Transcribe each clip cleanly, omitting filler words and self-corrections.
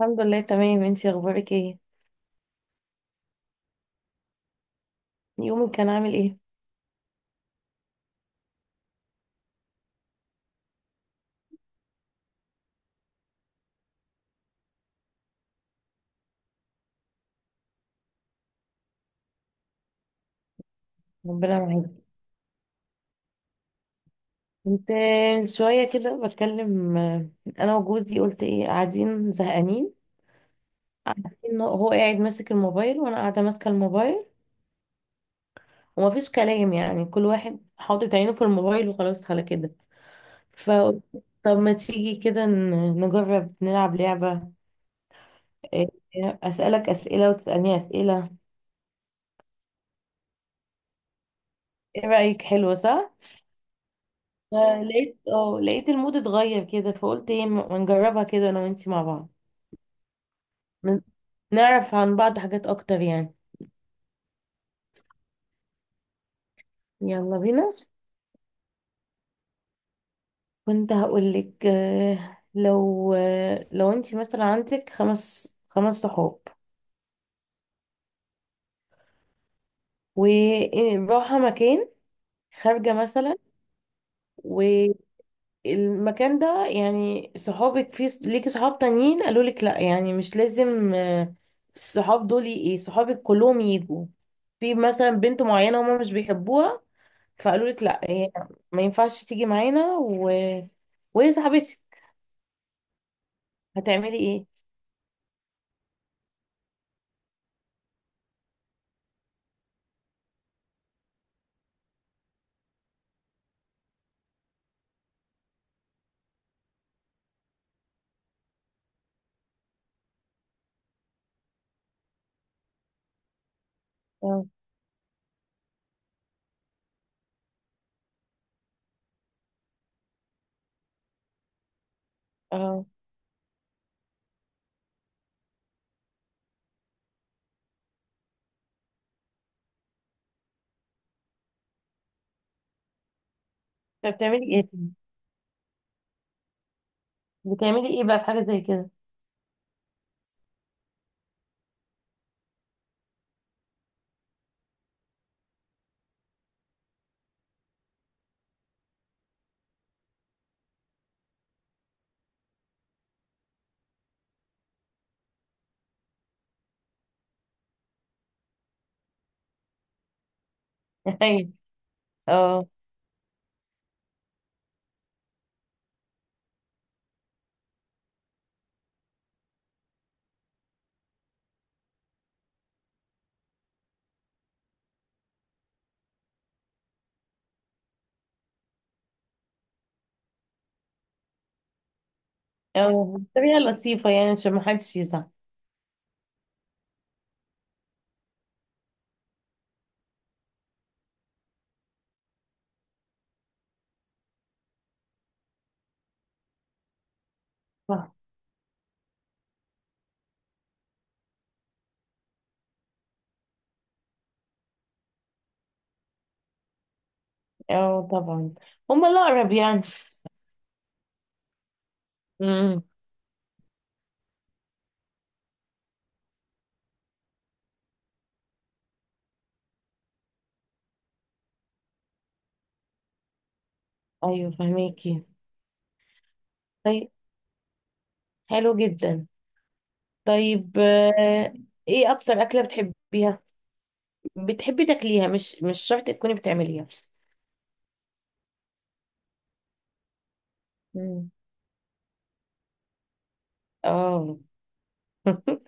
الحمد لله تمام. انتي اخبارك ايه؟ يومك كان عامل ايه؟ ربنا معاك. كنت شويه كده بتكلم انا وجوزي قلت ايه، قاعدين زهقانين. إنه هو قاعد ماسك الموبايل وانا قاعده ماسكه الموبايل. ومفيش كلام، يعني كل واحد حاطط عينه في الموبايل وخلاص على كده. فقلت طب ما تيجي كده نجرب نلعب لعبه. إيه، اسالك اسئله وتسالني اسئله. ايه رايك؟ حلوه، صح؟ فلقيت اه لقيت المود اتغير كده. فقلت ايه ما نجربها كده انا وانتي مع بعض. ن- نعرف عن بعض حاجات اكتر يعني. يلا بينا. كنت هقولك لو لو انت مثلا عندك خمس صحاب وراحة مكان، خارجة مثلا. والمكان ده يعني صحابك، في ليكي صحاب تانيين قالوا لك لا، يعني مش لازم الصحاب دول ايه، صحابك كلهم يجوا. في مثلا بنت معينة هما مش بيحبوها. فقالوا لك لا، هي ما ينفعش تيجي معانا، و... وهي صاحبتي. هتعملي ايه؟ اه، اه. طب بتعملي ايه؟ بتعملي ايه بقى في حاجه زي كده؟ ايوه. اه، اه. بطريقه لطيفه يعني عشان ما حدش يزعل. صح. اه، طبعا. هما الاقرب يعني. امم. ايوه، فهميكي. طيب. حلو جدا. طيب ايه اكتر اكله بتحبيها؟ بتحبي تاكليها؟ مش شرط تكوني بتعمليها. مم. اه.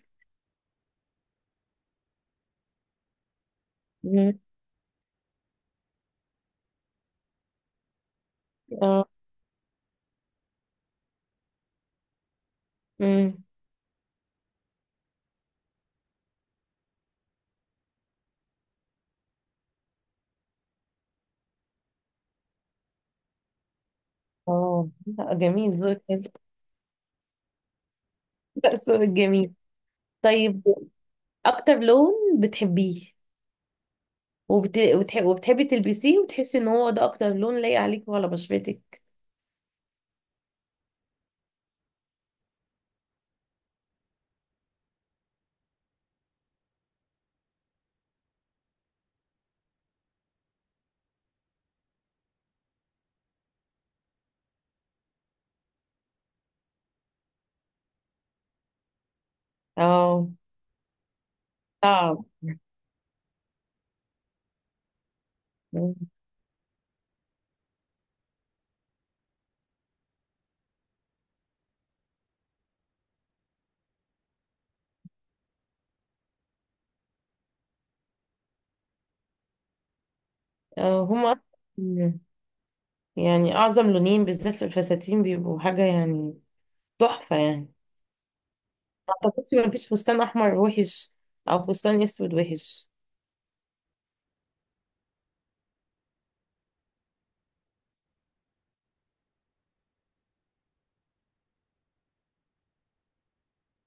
مم. اه. مم. اه، لا، جميل ذوقك حلو. لا، ذوقك جميل. طيب. اكتر لون بتحبيه وبت... وتح... وبتحبي تلبسيه وتحسي ان هو ده اكتر لون لايق عليك وعلى بشرتك؟ اه. صعب. هما أصلاً، يعني اعظم لونين بالذات في الفساتين بيبقوا حاجه يعني. تحفه يعني. ما اعتقدش ما فيش فستان احمر وحش او فستان اسود وحش.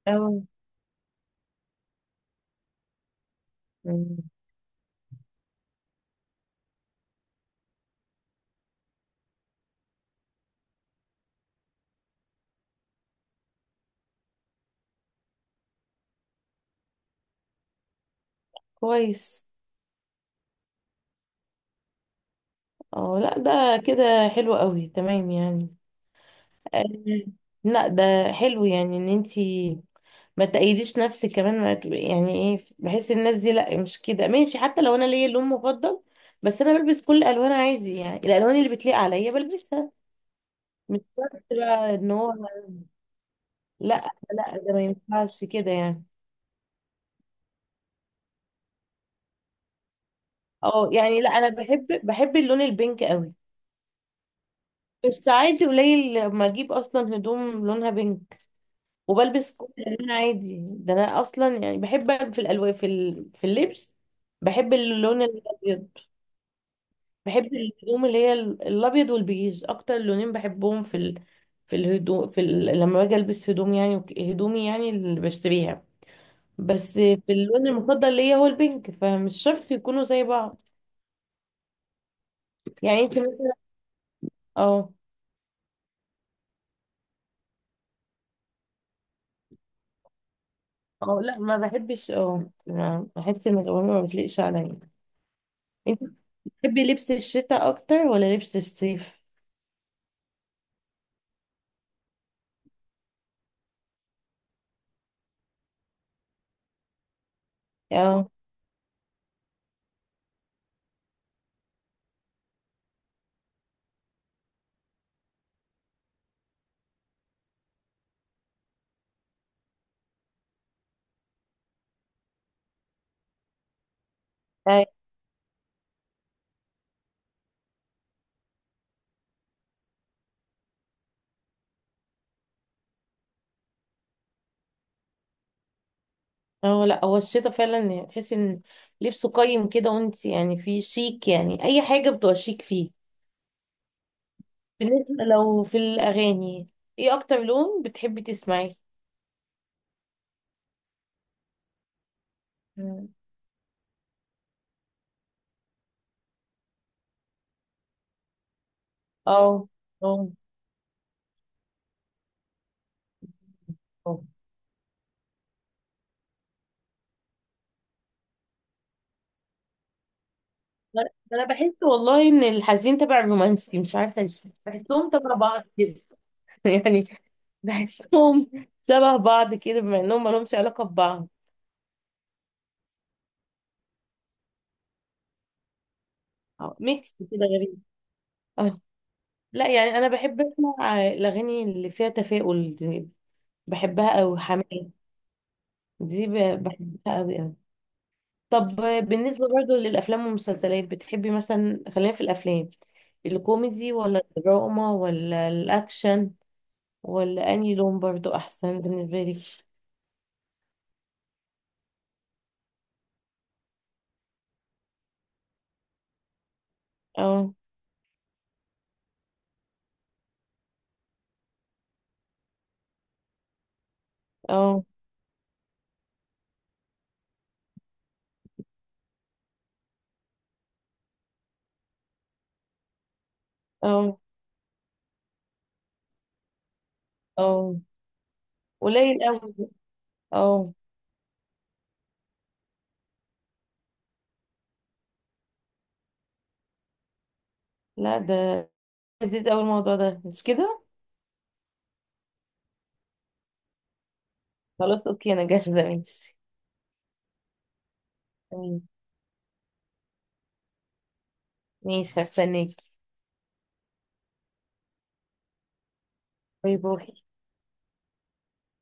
اه. مم. كويس. اه، لا ده كده حلو قوي تمام يعني. آه، لا ده حلو، يعني ان انتي ما تأيديش نفسك كمان ما ت- يعني ايه، بحس الناس دي لا مش كده ماشي، حتى لو انا ليا لون مفضل. بس انا بلبس كل الالوان عادي، يعني الالوان اللي بتليق عليا بلبسها. مش شرط بقى ان هو. لا، لا، ده ما ينفعش كده يعني. اه يعني، لا انا بحب اللون البينك قوي. بس عادي قليل لما اجيب اصلا هدوم لونها بينك. وبلبس كل الالوان عادي، ده انا اصلا يعني بحب في الالوان في اللبس. بحب اللون الابيض. بحب الهدوم اللي هي الابيض والبيج اكتر لونين بحبهم في الهدوء لما باجي البس هدوم يعني هدومي يعني اللي بشتريها. بس في اللون المفضل ليا هو البينك، فمش شرط يكونوا زي بعض. يعني انت مثلا. اه. اه، لا ما بحبش، بحس ان الالوان ما بتليقش عليا. انت بتحبي لبس الشتاء اكتر ولا لبس الصيف؟ اه. أي. اه، لا هو الشتاء فعلا يعني تحسي ان لبسه قيم كده، وانت يعني في شيك، يعني اي حاجه بتبقى شيك فيه. بالنسبة لو في الأغاني، ايه أكتر لون بتحبي تسمعيه؟ مم. اه، اه، اه. ما أنا بحس والله إن الحزين تبع الرومانسي، مش عارفة ليه. بحسهم تبع بعض كده. يعني بحسهم شبه بعض كده بما إنهم مالهمش علاقة ببعض. أو ميكس كده غريب. اه. لا يعني أنا بحب أسمع الأغاني اللي فيها تفاؤل دي. بحبها أوي حماية. دي بحبها أوي أوي. طب بالنسبة برضو للأفلام والمسلسلات، بتحبي مثلا، خلينا في الأفلام الكوميدي ولا الدراما ولا الأكشن؟ ولا أنهي لون برضو أحسن بالنسبة لك؟ اه، اه، اه، اه. قليل أوي. اه. لا ده لذيذ أوي الموضوع ده، مش كده؟ خلاص، أوكي، أنا جاهزة، ماشي. تمام. ماشي، هستناك. باي باي.